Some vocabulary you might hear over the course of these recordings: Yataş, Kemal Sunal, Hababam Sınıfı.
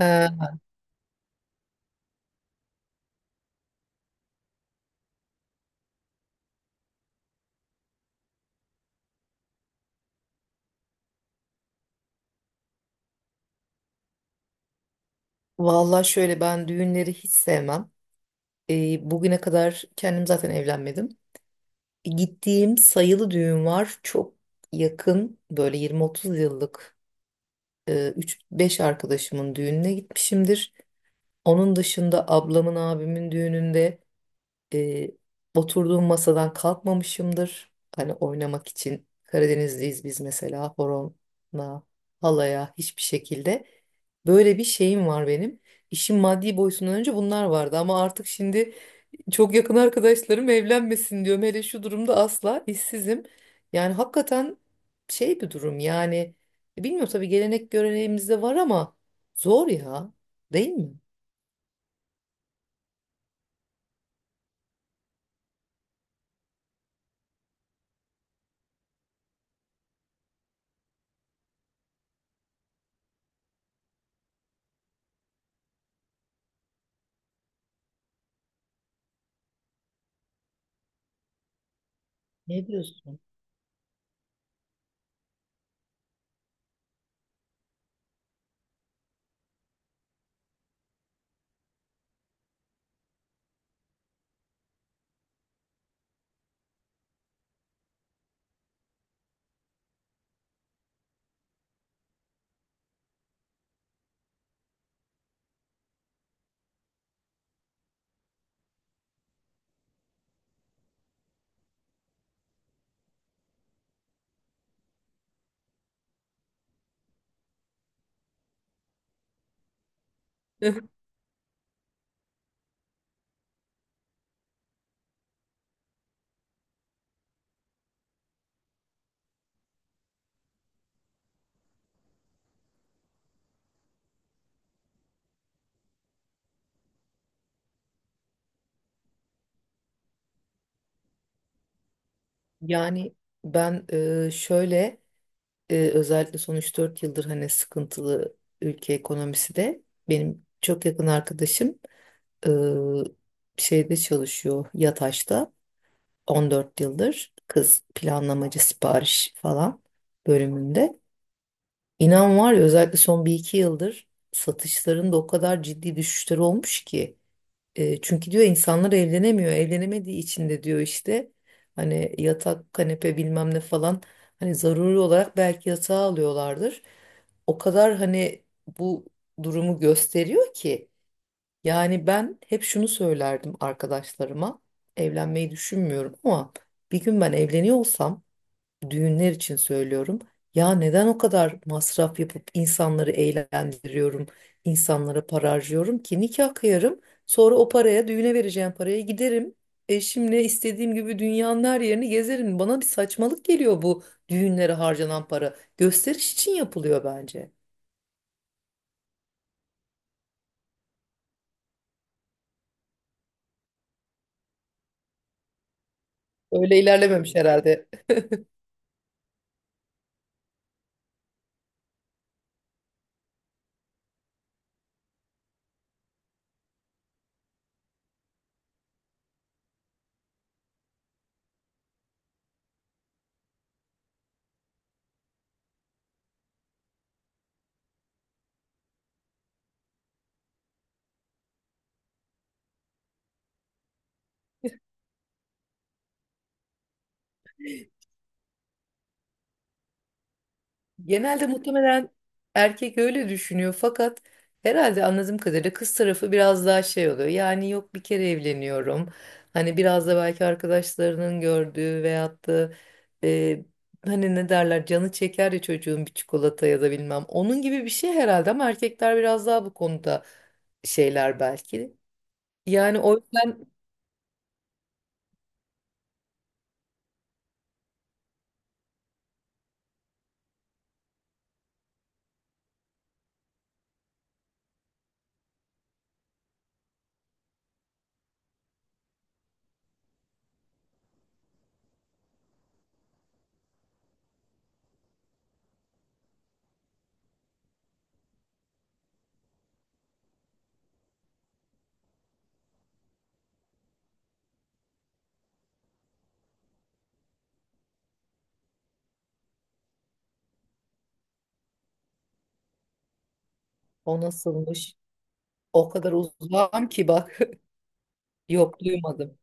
Ee, Valla şöyle ben düğünleri hiç sevmem. Bugüne kadar kendim zaten evlenmedim. Gittiğim sayılı düğün var. Çok yakın böyle 20-30 yıllık 3-5 arkadaşımın düğününe gitmişimdir. Onun dışında ablamın abimin düğününde E, oturduğum masadan kalkmamışımdır. Hani oynamak için Karadenizliyiz biz mesela horona, halaya hiçbir şekilde. Böyle bir şeyim var benim. İşin maddi boyutundan önce bunlar vardı ama artık şimdi çok yakın arkadaşlarım evlenmesin diyorum. Hele şu durumda asla işsizim. Yani hakikaten şey bir durum yani. Bilmiyorum tabii gelenek göreneğimizde var ama zor ya. Değil mi? Ne diyorsun? Yani ben şöyle özellikle son 3-4 yıldır hani sıkıntılı ülke ekonomisi de benim çok yakın arkadaşım e, şeyde çalışıyor Yataş'ta 14 yıldır kız planlamacı sipariş falan bölümünde. İnan var ya özellikle son bir iki yıldır satışların da o kadar ciddi düşüşleri olmuş ki çünkü diyor insanlar evlenemiyor. Evlenemediği için de diyor işte hani yatak, kanepe bilmem ne falan hani zaruri olarak belki yatağı alıyorlardır. O kadar hani bu durumu gösteriyor ki yani ben hep şunu söylerdim arkadaşlarıma evlenmeyi düşünmüyorum ama bir gün ben evleniyorsam düğünler için söylüyorum. Ya neden o kadar masraf yapıp insanları eğlendiriyorum, insanlara para harcıyorum ki nikah kıyarım, sonra o paraya düğüne vereceğim paraya giderim. Eşimle istediğim gibi dünyanın her yerini gezerim. Bana bir saçmalık geliyor bu düğünlere harcanan para. Gösteriş için yapılıyor bence. Öyle ilerlememiş herhalde. Genelde muhtemelen erkek öyle düşünüyor fakat herhalde anladığım kadarıyla kız tarafı biraz daha şey oluyor. Yani yok bir kere evleniyorum. Hani biraz da belki arkadaşlarının gördüğü veyahut da e, hani ne derler canı çeker ya çocuğun bir çikolata ya da bilmem. Onun gibi bir şey herhalde ama erkekler biraz daha bu konuda şeyler belki. Yani o yüzden o nasılmış? O kadar uzağım ki bak yok duymadım.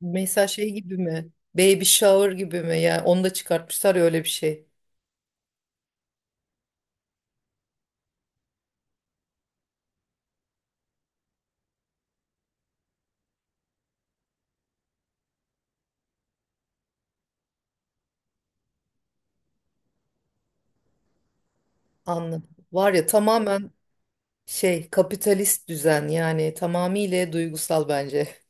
Mesela şey gibi mi? Baby shower gibi mi? Yani onu da çıkartmışlar ya öyle bir şey. Anladım. Var ya tamamen şey kapitalist düzen yani tamamıyla duygusal bence.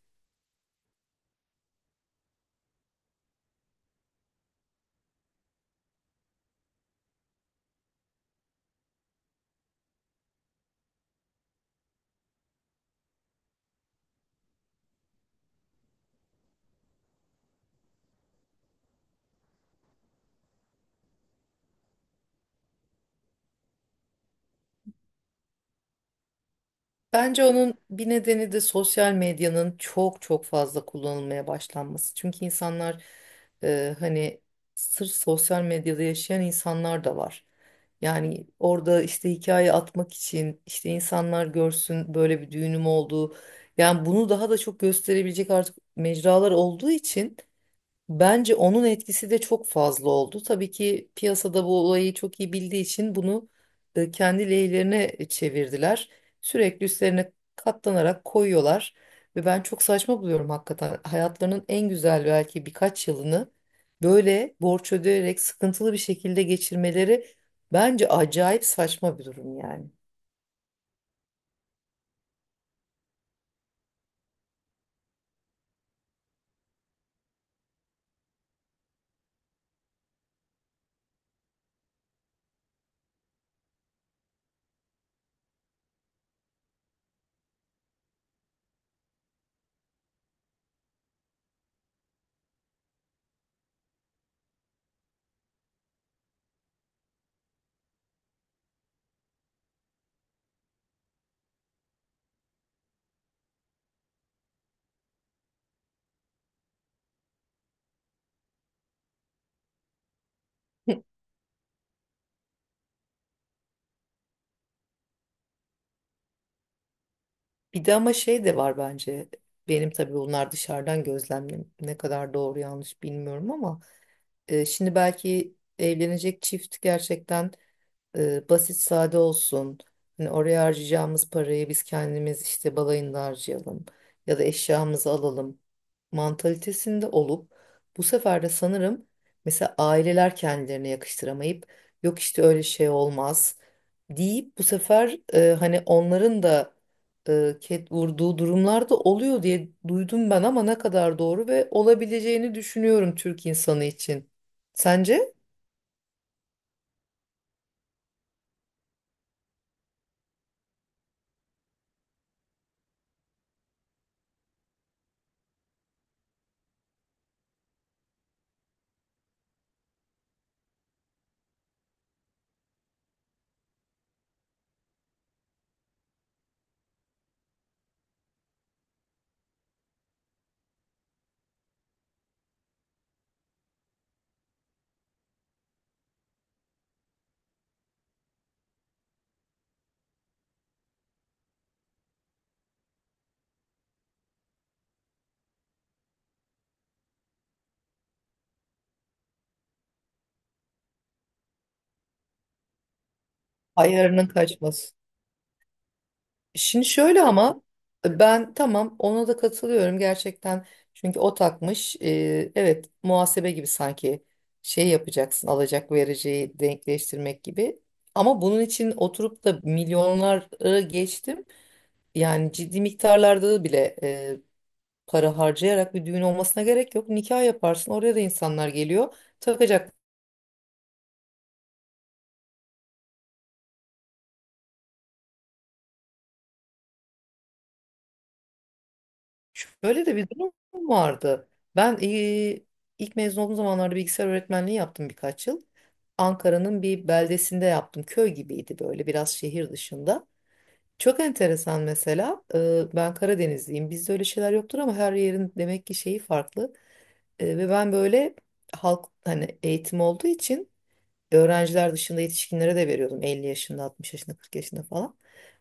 Bence onun bir nedeni de sosyal medyanın çok çok fazla kullanılmaya başlanması. Çünkü insanlar hani sırf sosyal medyada yaşayan insanlar da var. Yani orada işte hikaye atmak için işte insanlar görsün böyle bir düğünüm olduğu. Yani bunu daha da çok gösterebilecek artık mecralar olduğu için. Bence onun etkisi de çok fazla oldu. Tabii ki piyasada bu olayı çok iyi bildiği için bunu kendi lehlerine çevirdiler. Sürekli üstlerine katlanarak koyuyorlar. Ve ben çok saçma buluyorum hakikaten. Hayatlarının en güzel belki birkaç yılını böyle borç ödeyerek sıkıntılı bir şekilde geçirmeleri bence acayip saçma bir durum yani. Bir de ama şey de var bence. Benim tabii bunlar dışarıdan gözlemlem ne kadar doğru yanlış bilmiyorum ama şimdi belki evlenecek çift gerçekten basit sade olsun. Hani oraya harcayacağımız parayı biz kendimiz işte balayında harcayalım ya da eşyamızı alalım mantalitesinde olup bu sefer de sanırım mesela aileler kendilerine yakıştıramayıp yok işte öyle şey olmaz deyip bu sefer hani onların da ket vurduğu durumlar da oluyor diye duydum ben ama ne kadar doğru ve olabileceğini düşünüyorum Türk insanı için. Sence? Ayarının kaçması. Şimdi şöyle ama ben tamam ona da katılıyorum gerçekten. Çünkü o takmış. Evet, muhasebe gibi sanki şey yapacaksın alacak vereceği denkleştirmek gibi. Ama bunun için oturup da milyonlara geçtim. Yani ciddi miktarlarda bile para harcayarak bir düğün olmasına gerek yok. Nikah yaparsın oraya da insanlar geliyor. Takacak. Şöyle de bir durum vardı. Ben ilk mezun olduğum zamanlarda bilgisayar öğretmenliği yaptım birkaç yıl. Ankara'nın bir beldesinde yaptım. Köy gibiydi böyle biraz şehir dışında. Çok enteresan mesela. Ben Karadenizliyim. Bizde öyle şeyler yoktur ama her yerin demek ki şeyi farklı. Ve ben böyle halk hani eğitim olduğu için öğrenciler dışında yetişkinlere de veriyordum. 50 yaşında, 60 yaşında, 40 yaşında falan.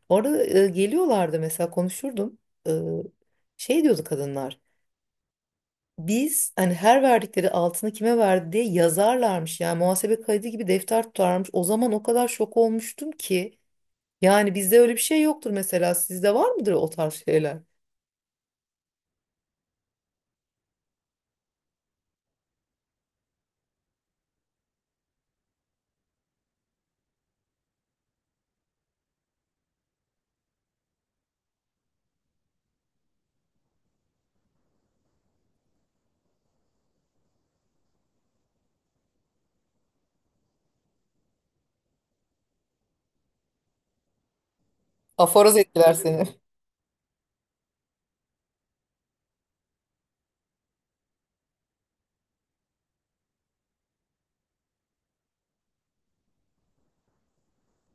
Orada geliyorlardı mesela konuşurdum. Eee, Şey diyordu kadınlar. Biz hani her verdikleri altını kime verdi diye yazarlarmış yani muhasebe kaydı gibi defter tutarmış. O zaman o kadar şok olmuştum ki yani bizde öyle bir şey yoktur mesela sizde var mıdır o tarz şeyler? Aforoz ettiler seni.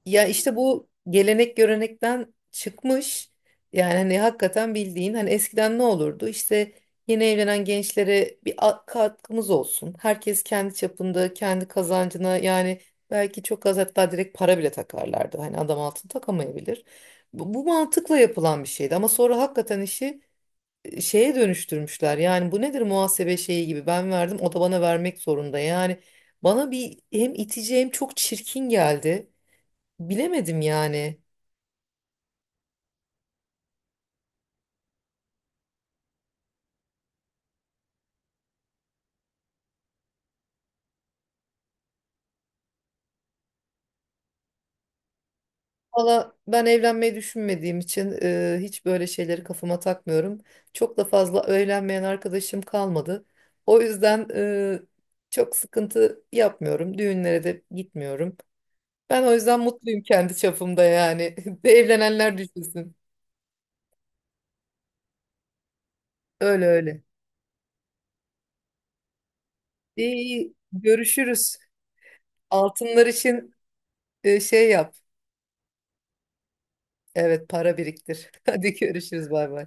Ya işte bu gelenek görenekten çıkmış. Yani hani hakikaten bildiğin hani eskiden ne olurdu? İşte yeni evlenen gençlere bir katkımız olsun. Herkes kendi çapında, kendi kazancına yani belki çok az hatta direkt para bile takarlardı. Hani adam altın takamayabilir. Bu, bu mantıkla yapılan bir şeydi ama sonra hakikaten işi şeye dönüştürmüşler. Yani bu nedir muhasebe şeyi gibi ben verdim o da bana vermek zorunda. Yani bana bir hem itici hem çok çirkin geldi. Bilemedim yani. Valla ben evlenmeyi düşünmediğim için hiç böyle şeyleri kafama takmıyorum. Çok da fazla evlenmeyen arkadaşım kalmadı. O yüzden çok sıkıntı yapmıyorum. Düğünlere de gitmiyorum. Ben o yüzden mutluyum kendi çapımda yani. Bir evlenenler düşünsün. Öyle öyle. İyi, görüşürüz. Altınlar için şey yap. Evet, para biriktir. Hadi görüşürüz bay bay.